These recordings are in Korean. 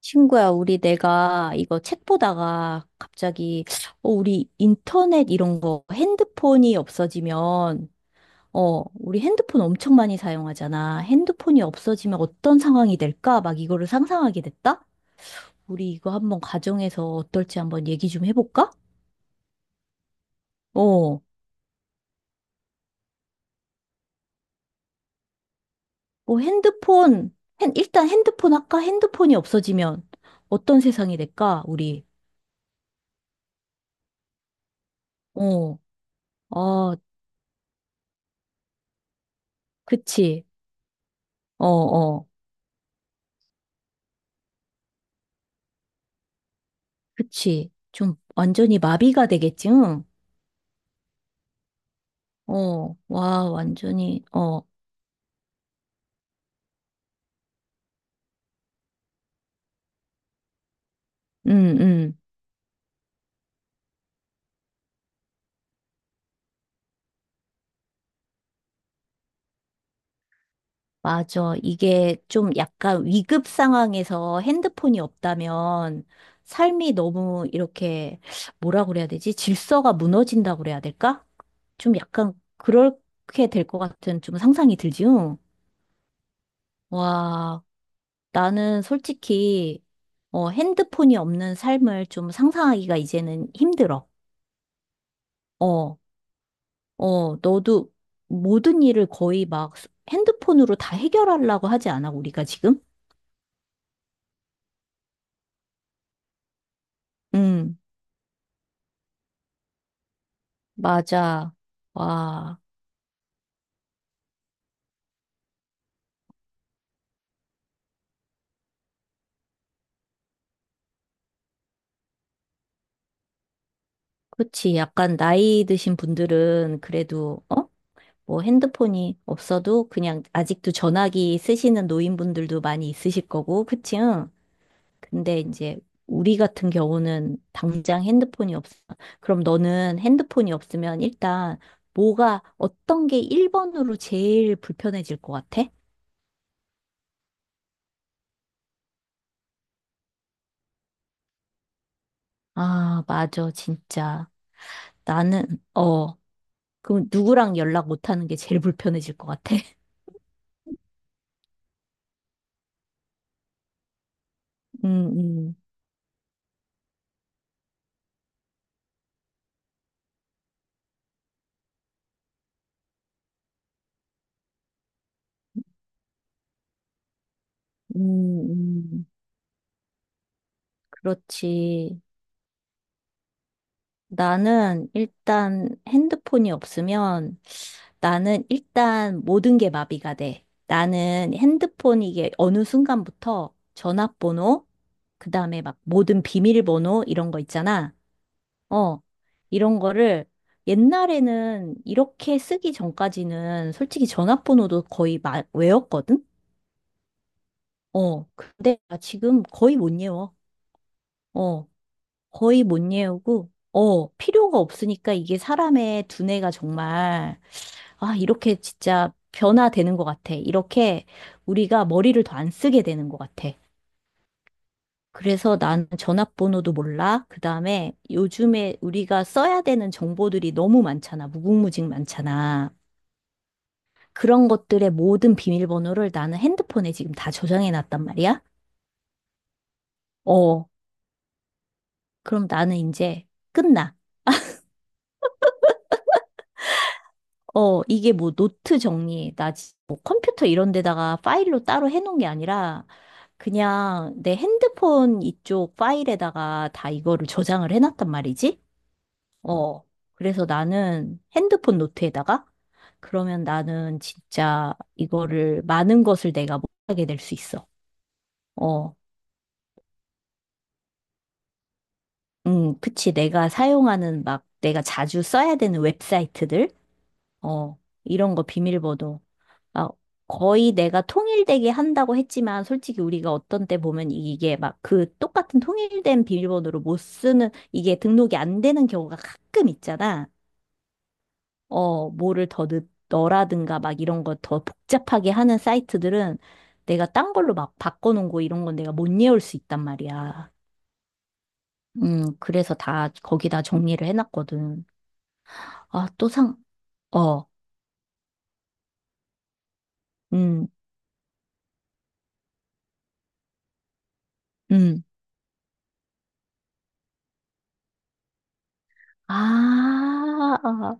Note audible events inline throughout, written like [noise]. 친구야, 우리 내가 이거 책 보다가 우리 인터넷 이런 거 핸드폰이 우리 핸드폰 엄청 많이 사용하잖아. 핸드폰이 없어지면 어떤 상황이 될까? 막 이거를 상상하게 됐다? 우리 이거 한번 가정에서 어떨지 한번 얘기 좀 해볼까? 어, 뭐 핸드폰, 일단 핸드폰 아까 핸드폰이 없어지면 어떤 세상이 될까? 어, 아, 그치. 어, 어. 그치. 좀 완전히 마비가 되겠지, 응? 완전히, 어, 응, 응. 맞아. 이게 좀 약간 위급 상황에서 핸드폰이 없다면 삶이 너무 이렇게, 뭐라 그래야 되지? 질서가 무너진다고 그래야 될까? 좀 약간 그렇게 될 것 같은 좀 상상이 들지, 응? 와, 나는 솔직히, 핸드폰이 없는 삶을 좀 상상하기가 이제는 힘들어. 어. 어, 너도 모든 일을 거의 막 핸드폰으로 다 해결하려고 하지 않아, 우리가 지금? 응, 맞아. 와, 그치. 약간 나이 드신 분들은 그래도, 어? 뭐 핸드폰이 없어도 그냥 아직도 전화기 쓰시는 노인분들도 많이 있으실 거고, 그치? 응? 근데 이제 우리 같은 경우는 당장 핸드폰이 없어. 그럼 너는 핸드폰이 없으면 일단 뭐가 어떤 게 1번으로 제일 불편해질 것 같아? 아, 맞아, 진짜. 나는, 어, 그럼 누구랑 연락 못하는 게 제일 [laughs] 불편해질 것 같아. [laughs] 음, 음, 음, 음. 그렇지. 나는 일단 핸드폰이 없으면 나는 일단 모든 게 마비가 돼. 나는 핸드폰 이게 어느 순간부터 전화번호, 그 다음에 막 모든 비밀번호 이런 거 있잖아. 어, 이런 거를 옛날에는 이렇게 쓰기 전까지는 솔직히 전화번호도 거의 마, 외웠거든? 어, 근데 나 지금 거의 못 외워. 어, 거의 못 외우고, 어, 필요가 없으니까 이게 사람의 두뇌가 정말, 아, 이렇게 진짜 변화되는 것 같아. 이렇게 우리가 머리를 더 안 쓰게 되는 것 같아. 그래서 나는 전화번호도 몰라. 그 다음에 요즘에 우리가 써야 되는 정보들이 너무 많잖아. 무궁무진 많잖아. 그런 것들의 모든 비밀번호를 나는 핸드폰에 지금 다 저장해 놨단 말이야. 어, 그럼 나는 이제 끝나. 어, 이게 뭐 노트 정리, 나 지- 뭐 컴퓨터 이런 데다가 파일로 따로 해놓은 게 아니라 그냥 내 핸드폰 이쪽 파일에다가 다 이거를 저장을 해놨단 말이지. 어, 그래서 나는 핸드폰 노트에다가 그러면 나는 진짜 이거를 많은 것을 내가 못하게 될 수 있어. 어. 그치. 내가 사용하는 막 내가 자주 써야 되는 웹사이트들, 어, 이런 거 비밀번호. 아, 거의 내가 통일되게 한다고 했지만 솔직히 우리가 어떤 때 보면 이게 막 그 똑같은 통일된 비밀번호로 못 쓰는 이게 등록이 안 되는 경우가 가끔 있잖아. 어, 뭐를 더 넣, 너라든가 막 이런 거 더 복잡하게 하는 사이트들은 내가 딴 걸로 막 바꿔놓은 거 이런 건 내가 못 외울 수 있단 말이야. 그래서 다 거기다 정리를 해놨거든. 아, 또 상, 어, 음, 음. 아, 어,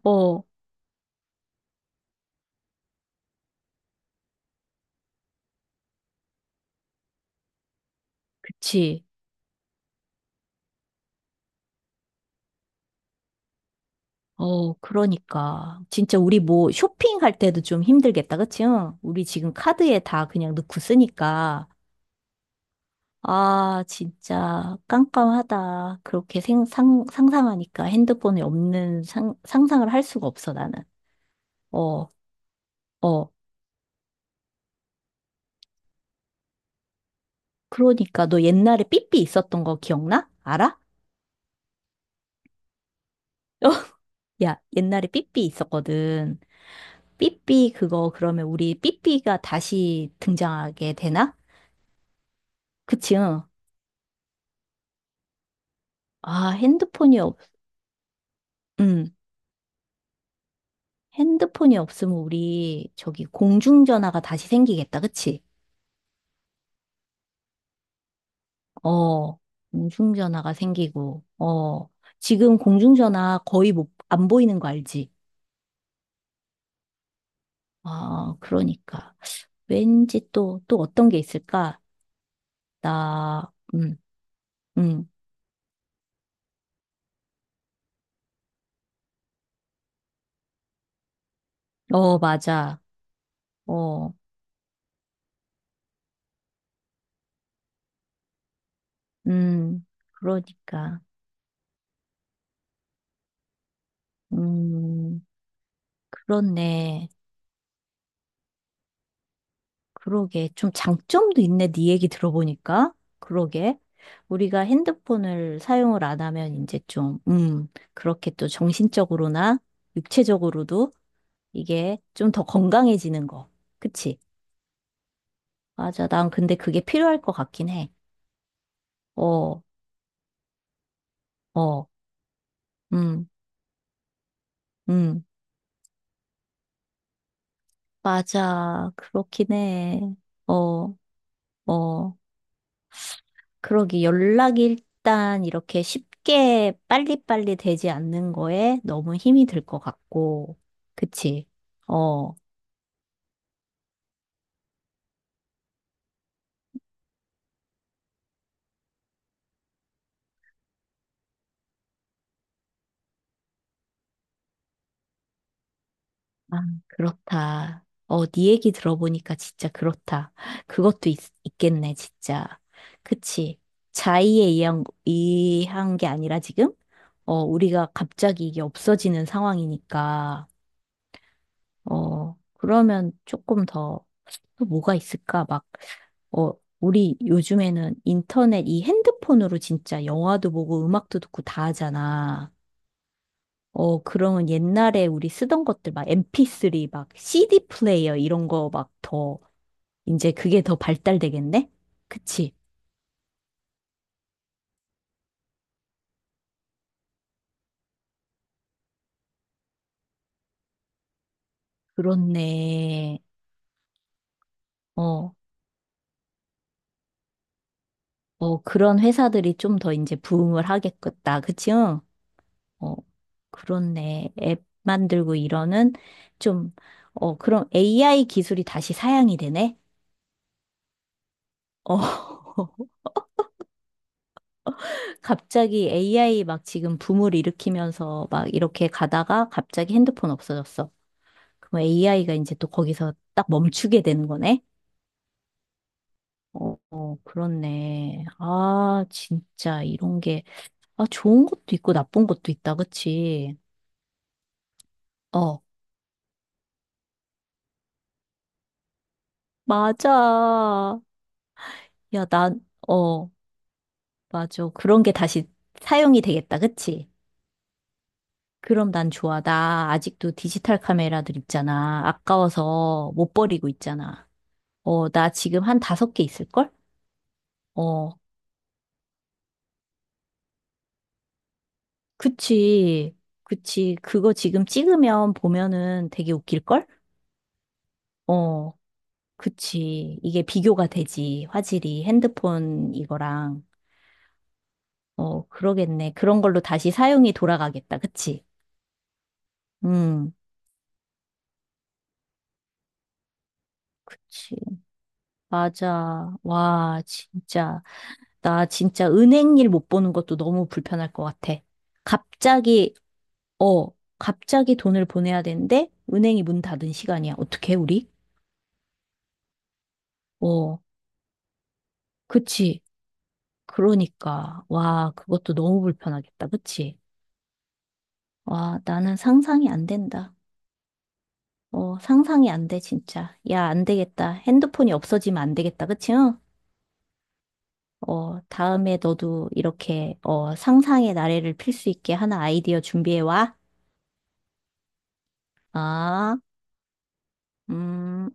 그치. 어, 그러니까. 진짜 우리 뭐 쇼핑할 때도 좀 힘들겠다, 그치? 응? 우리 지금 카드에 다 그냥 넣고 쓰니까. 아, 진짜 깜깜하다. 그렇게 생, 상, 상상하니까 핸드폰에 없는 상, 상상을 할 수가 없어, 나는. 어, 어. 그러니까 너 옛날에 삐삐 있었던 거 기억나? 알아? [laughs] 야, 옛날에 삐삐 있었거든. 삐삐 그거 그러면 우리 삐삐가 다시 등장하게 되나? 그치? 응. 아, 핸드폰이 없, 음, 핸드폰이 없으면 우리 저기 공중전화가 다시 생기겠다. 그치? 어, 공중전화가 생기고, 어, 지금 공중전화 거의 못, 안 보이는 거 알지? 아, 그러니까. 왠지 또, 또 어떤 게 있을까? 나, 음, 어, 맞아. 어, 음, 그러니까. 음. 그렇네. 그러게. 좀 장점도 있네. 네 얘기 들어보니까. 그러게. 우리가 핸드폰을 사용을 안 하면 이제 좀, 그렇게 또 정신적으로나 육체적으로도 이게 좀 더 건강해지는 거. 그치? 맞아. 난 근데 그게 필요할 것 같긴 해. 어, 어, 음, 음. 맞아. 그렇긴 해. 어, 어. 그러기 연락이 일단 이렇게 쉽게 빨리빨리 되지 않는 거에 너무 힘이 들 것 같고, 그치? 어, 아, 그렇다. 어, 네 얘기 들어보니까 진짜 그렇다. 그것도 있, 겠네 진짜. 그치? 자의에 의한, 게 아니라 지금? 어, 우리가 갑자기 이게 없어지는 상황이니까. 어, 그러면 조금 더, 또 뭐가 있을까? 막, 어, 우리 요즘에는 인터넷 이 핸드폰으로 진짜 영화도 보고 음악도 듣고 다 하잖아. 어, 그러면 옛날에 우리 쓰던 것들 막 MP3, 막 CD 플레이어 이런 거 막 더, 이제 그게 더 발달되겠네? 그치? 그렇네. 어, 어, 그런 회사들이 좀 더 이제 부흥을 하겠겠다. 그치? 응. 어, 그렇네. 앱 만들고 이러는 좀, 어, 그럼 AI 기술이 다시 사양이 되네? 어, [laughs] 갑자기 AI 막 지금 붐을 일으키면서 막 이렇게 가다가 갑자기 핸드폰 없어졌어. 그럼 AI가 이제 또 거기서 딱 멈추게 되는 거네? 어, 어, 그렇네. 아, 진짜 이런 게, 아, 좋은 것도 있고 나쁜 것도 있다, 그치? 어, 맞아. 야, 난, 어. 맞아. 그런 게 다시 사용이 되겠다. 그치? 그럼 난 좋아. 나 아직도 디지털 카메라들 있잖아. 아까워서 못 버리고 있잖아. 어, 나 지금 한 5개 있을걸? 어, 그치. 그치. 그거 지금 찍으면 보면은 되게 웃길걸? 어, 그치. 이게 비교가 되지. 화질이 핸드폰 이거랑. 어, 그러겠네. 그런 걸로 다시 사용이 돌아가겠다. 그치? 음, 그치. 맞아. 와, 진짜. 나 진짜 은행 일 못 보는 것도 너무 불편할 것 같아. 갑자기, 어, 갑자기 돈을 보내야 되는데, 은행이 문 닫은 시간이야. 어떻게, 우리? 어, 그치. 그러니까. 와, 그것도 너무 불편하겠다. 그치? 와, 나는 상상이 안 된다. 어, 상상이 안 돼, 진짜. 야, 안 되겠다. 핸드폰이 없어지면 안 되겠다. 그치? 응? 어, 다음에 너도 이렇게, 어, 상상의 나래를 필 수 있게 하나 아이디어 준비해 와. 아, 음.